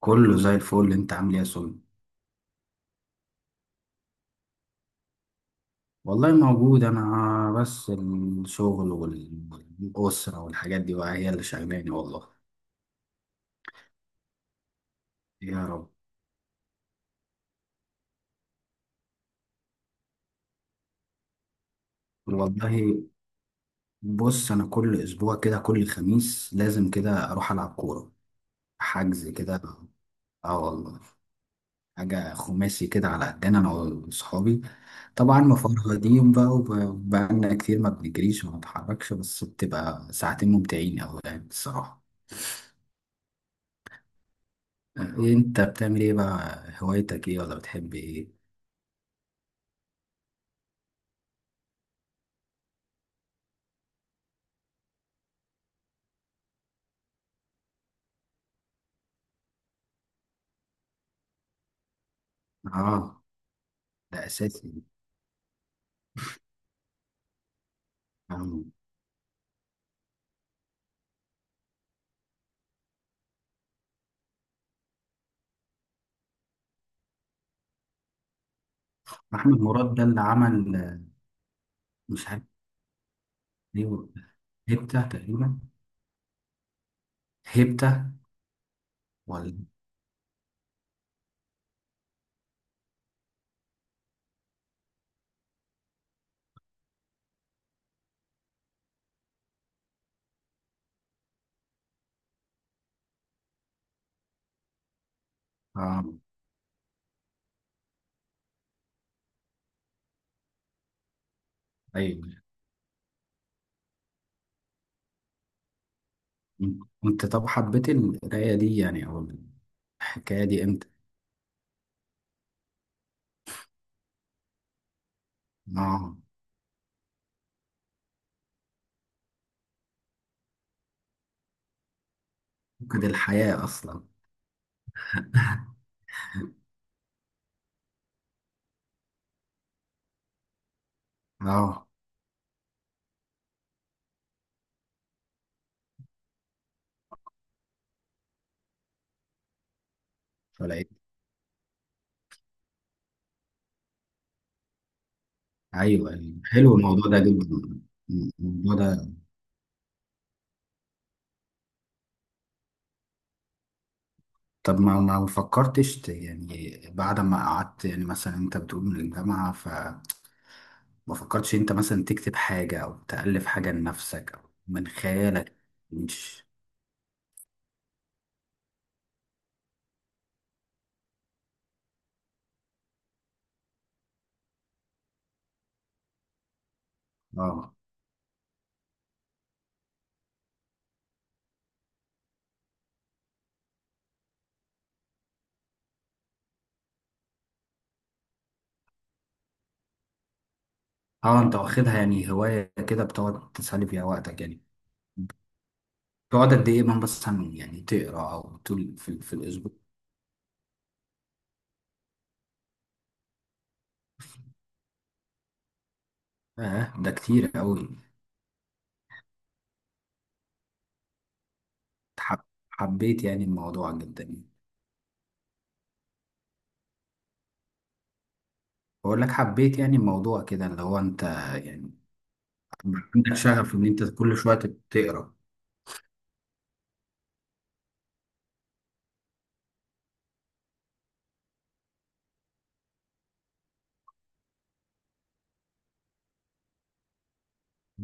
كله زي الفل، انت عامل ايه يا سون؟ والله موجود، انا بس الشغل والاسره والحاجات دي بقى هي اللي شغلاني والله. يا رب. والله، بص انا كل اسبوع كده، كل خميس لازم كده اروح العب كوره، حجز كده. اه والله، حاجه خماسي كده على قدنا انا واصحابي. طبعا مفرهدين بقى، وبقالنا كتير ما بنجريش وما بنتحركش، بس بتبقى ساعتين ممتعين قوي يعني الصراحه. انت بتعمل ايه بقى؟ هوايتك ايه ولا بتحب ايه؟ اه، ده اساسي. آه. احمد مراد ده اللي عمل. مش عارف ليه. هيبتا تقريبا. هيبتا. ولا. اه. ايوه. انت طب حبيت القرايه دي يعني، او الحكايه دي امتى؟ اه، فقد الحياه اصلا. اه، فلقيت. ايوه، أيوة. حلو الموضوع ده جدا. الموضوع ده. طب ما فكرتش يعني بعد ما قعدت يعني مثلا انت بتقول من الجامعه، ما فكرتش انت مثلا تكتب حاجة او تألف حاجة لنفسك او من خيالك؟ مش. اه، اه. انت واخدها يعني هواية كده، بتقعد تسلي فيها وقتك يعني؟ تقعد قد ايه من بس يعني تقرا، او طول في الاسبوع؟ اه، ده كتير قوي. حب حبيت يعني الموضوع جدا يعني. بقول لك حبيت يعني الموضوع كده اللي هو انت يعني. عندك شغف ان انت كل شوية تقرا.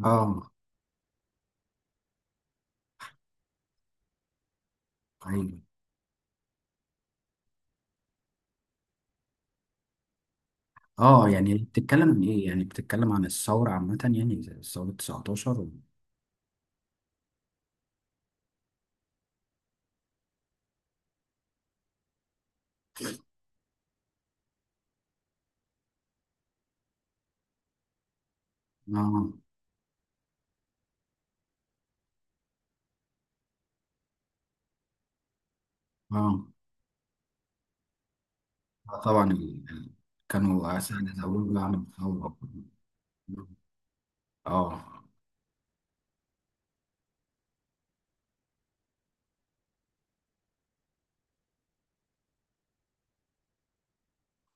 اه. ايوه. اه، يعني بتتكلم عن ايه؟ يعني بتتكلم عن الثورة عامة، يعني زي ثورة 19 و. اه، اه، آه، طبعا. كانوا أسعد أول بعمل ثورة. اه.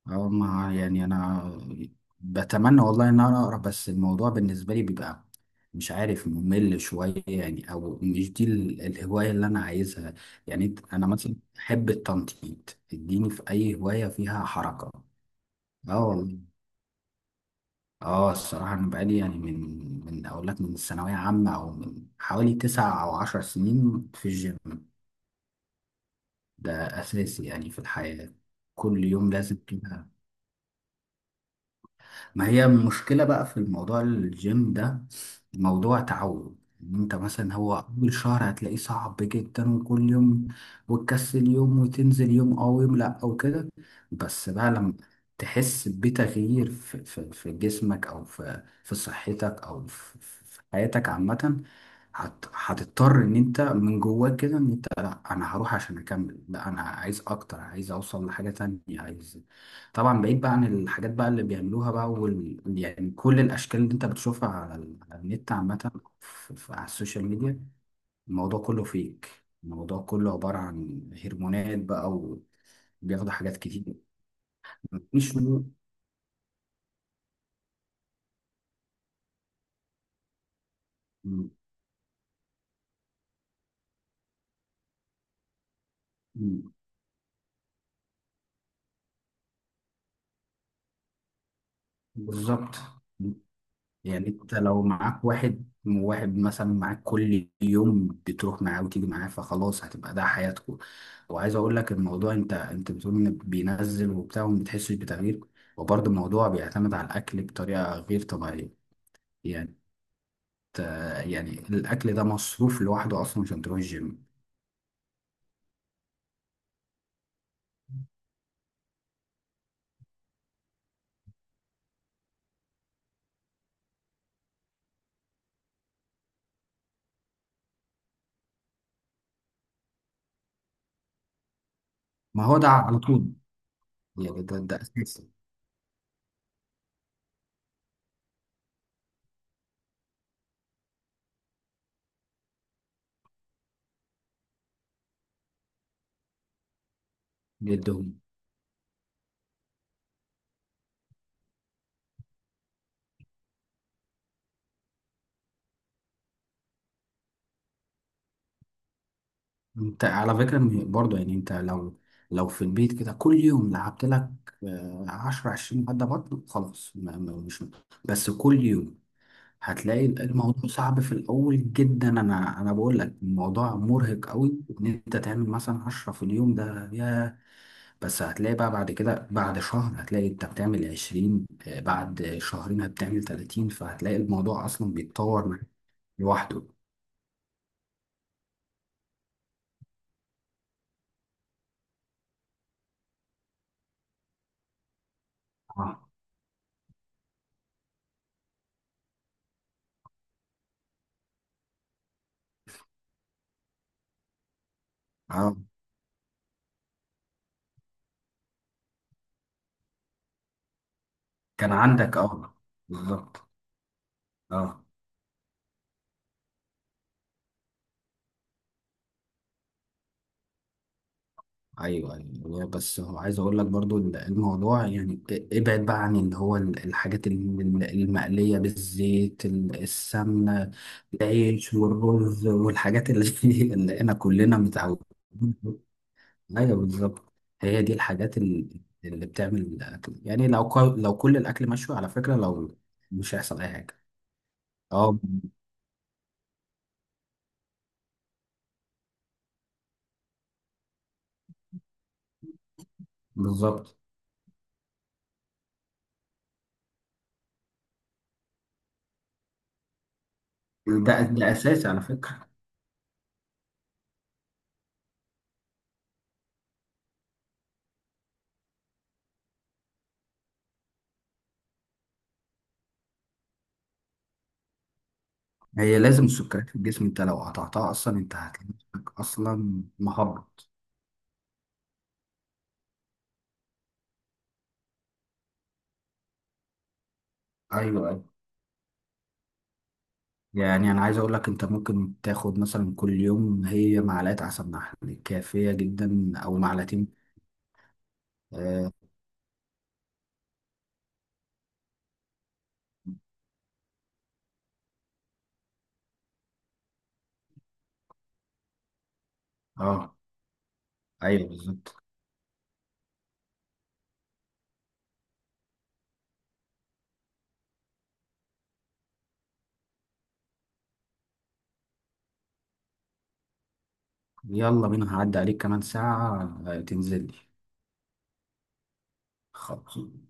اه. ما يعني انا بتمنى والله ان انا اقرا، بس الموضوع بالنسبة لي بيبقى مش عارف، ممل شوية يعني، او مش دي الهواية اللي انا عايزها. يعني انا مثلا احب التنطيط، اديني في اي هواية فيها حركة. اه والله. اه، الصراحة أنا بقالي يعني من أقول لك، من الثانوية عامة، أو من حوالي 9 أو 10 سنين في الجيم. ده أساسي يعني في الحياة. كل يوم لازم كده. ما هي المشكلة بقى في الموضوع الجيم ده؟ موضوع تعود. إن انت مثلا، هو اول شهر هتلاقيه صعب جدا، وكل يوم وتكسل يوم وتنزل يوم او يوم لا او كده. بس بقى لما تحس بتغيير في جسمك، او في صحتك، او في حياتك عامة، هتضطر ان انت من جواك كده، ان انت لا، انا هروح عشان اكمل، لا انا عايز اكتر، عايز اوصل لحاجة تانية، عايز. طبعا بعيد بقى عن الحاجات بقى اللي بيعملوها بقى، يعني كل الاشكال اللي انت بتشوفها على النت عامه، على السوشيال ميديا. الموضوع كله فيك. الموضوع كله عباره عن هرمونات بقى، وبياخدوا حاجات كتير. مش. م- بالظبط. يعني انت لو معاك واحد واحد مثلا، معاك كل يوم بتروح معاه وتيجي معاه، فخلاص هتبقى ده حياتكم. وعايز اقول لك الموضوع، انت بتقول ان بينزل وبتاع وما بتحسش بتغيير، وبرضه الموضوع بيعتمد على الاكل بطريقه غير طبيعيه. يعني، يعني الاكل ده مصروف لوحده اصلا عشان تروح الجيم. ما هو ده على طول. يعني ده اساسي جدا. انت على فكرة، برضه يعني انت لو في البيت كده كل يوم لعبت لك، 10 20 عدة بطن، خلاص، مش بس كل يوم هتلاقي الموضوع صعب في الأول جدا، أنا بقول لك الموضوع مرهق قوي إن أنت تعمل مثلا 10 في اليوم ده يا. بس هتلاقي بقى بعد كده، بعد شهر هتلاقي أنت بتعمل 20، بعد شهرين هتعمل 30، فهتلاقي الموضوع أصلا بيتطور معاك لوحده. اه. اه. كان عندك اه بالظبط. اه، ايوه، ايوه، والله بس هو عايز اقول لك برضو الموضوع، يعني ابعد بقى عن اللي هو الحاجات المقليه بالزيت، السمنه، العيش والرز والحاجات اللي اللي احنا كلنا متعودين. ايوه، بالظبط. هي دي الحاجات اللي بتعمل الاكل، يعني لو كل الاكل مشوي على فكره، لو مش هيحصل اي حاجه. اه، بالظبط. ده اساسي على فكره. هي لازم السكريات في الجسم، انت لو قطعتها اصلا، انت هتلاقي نفسك اصلا مهبط. ايوه، ايوه. يعني انا عايز اقول لك، انت ممكن تاخد مثلا كل يوم هي معلقه عسل نحل كافيه جدا او معلقتين. اه. آه. ايوه، بالظبط. يلا بينا، هعدي عليك كمان ساعه. آه، تنزل لي. خلاص.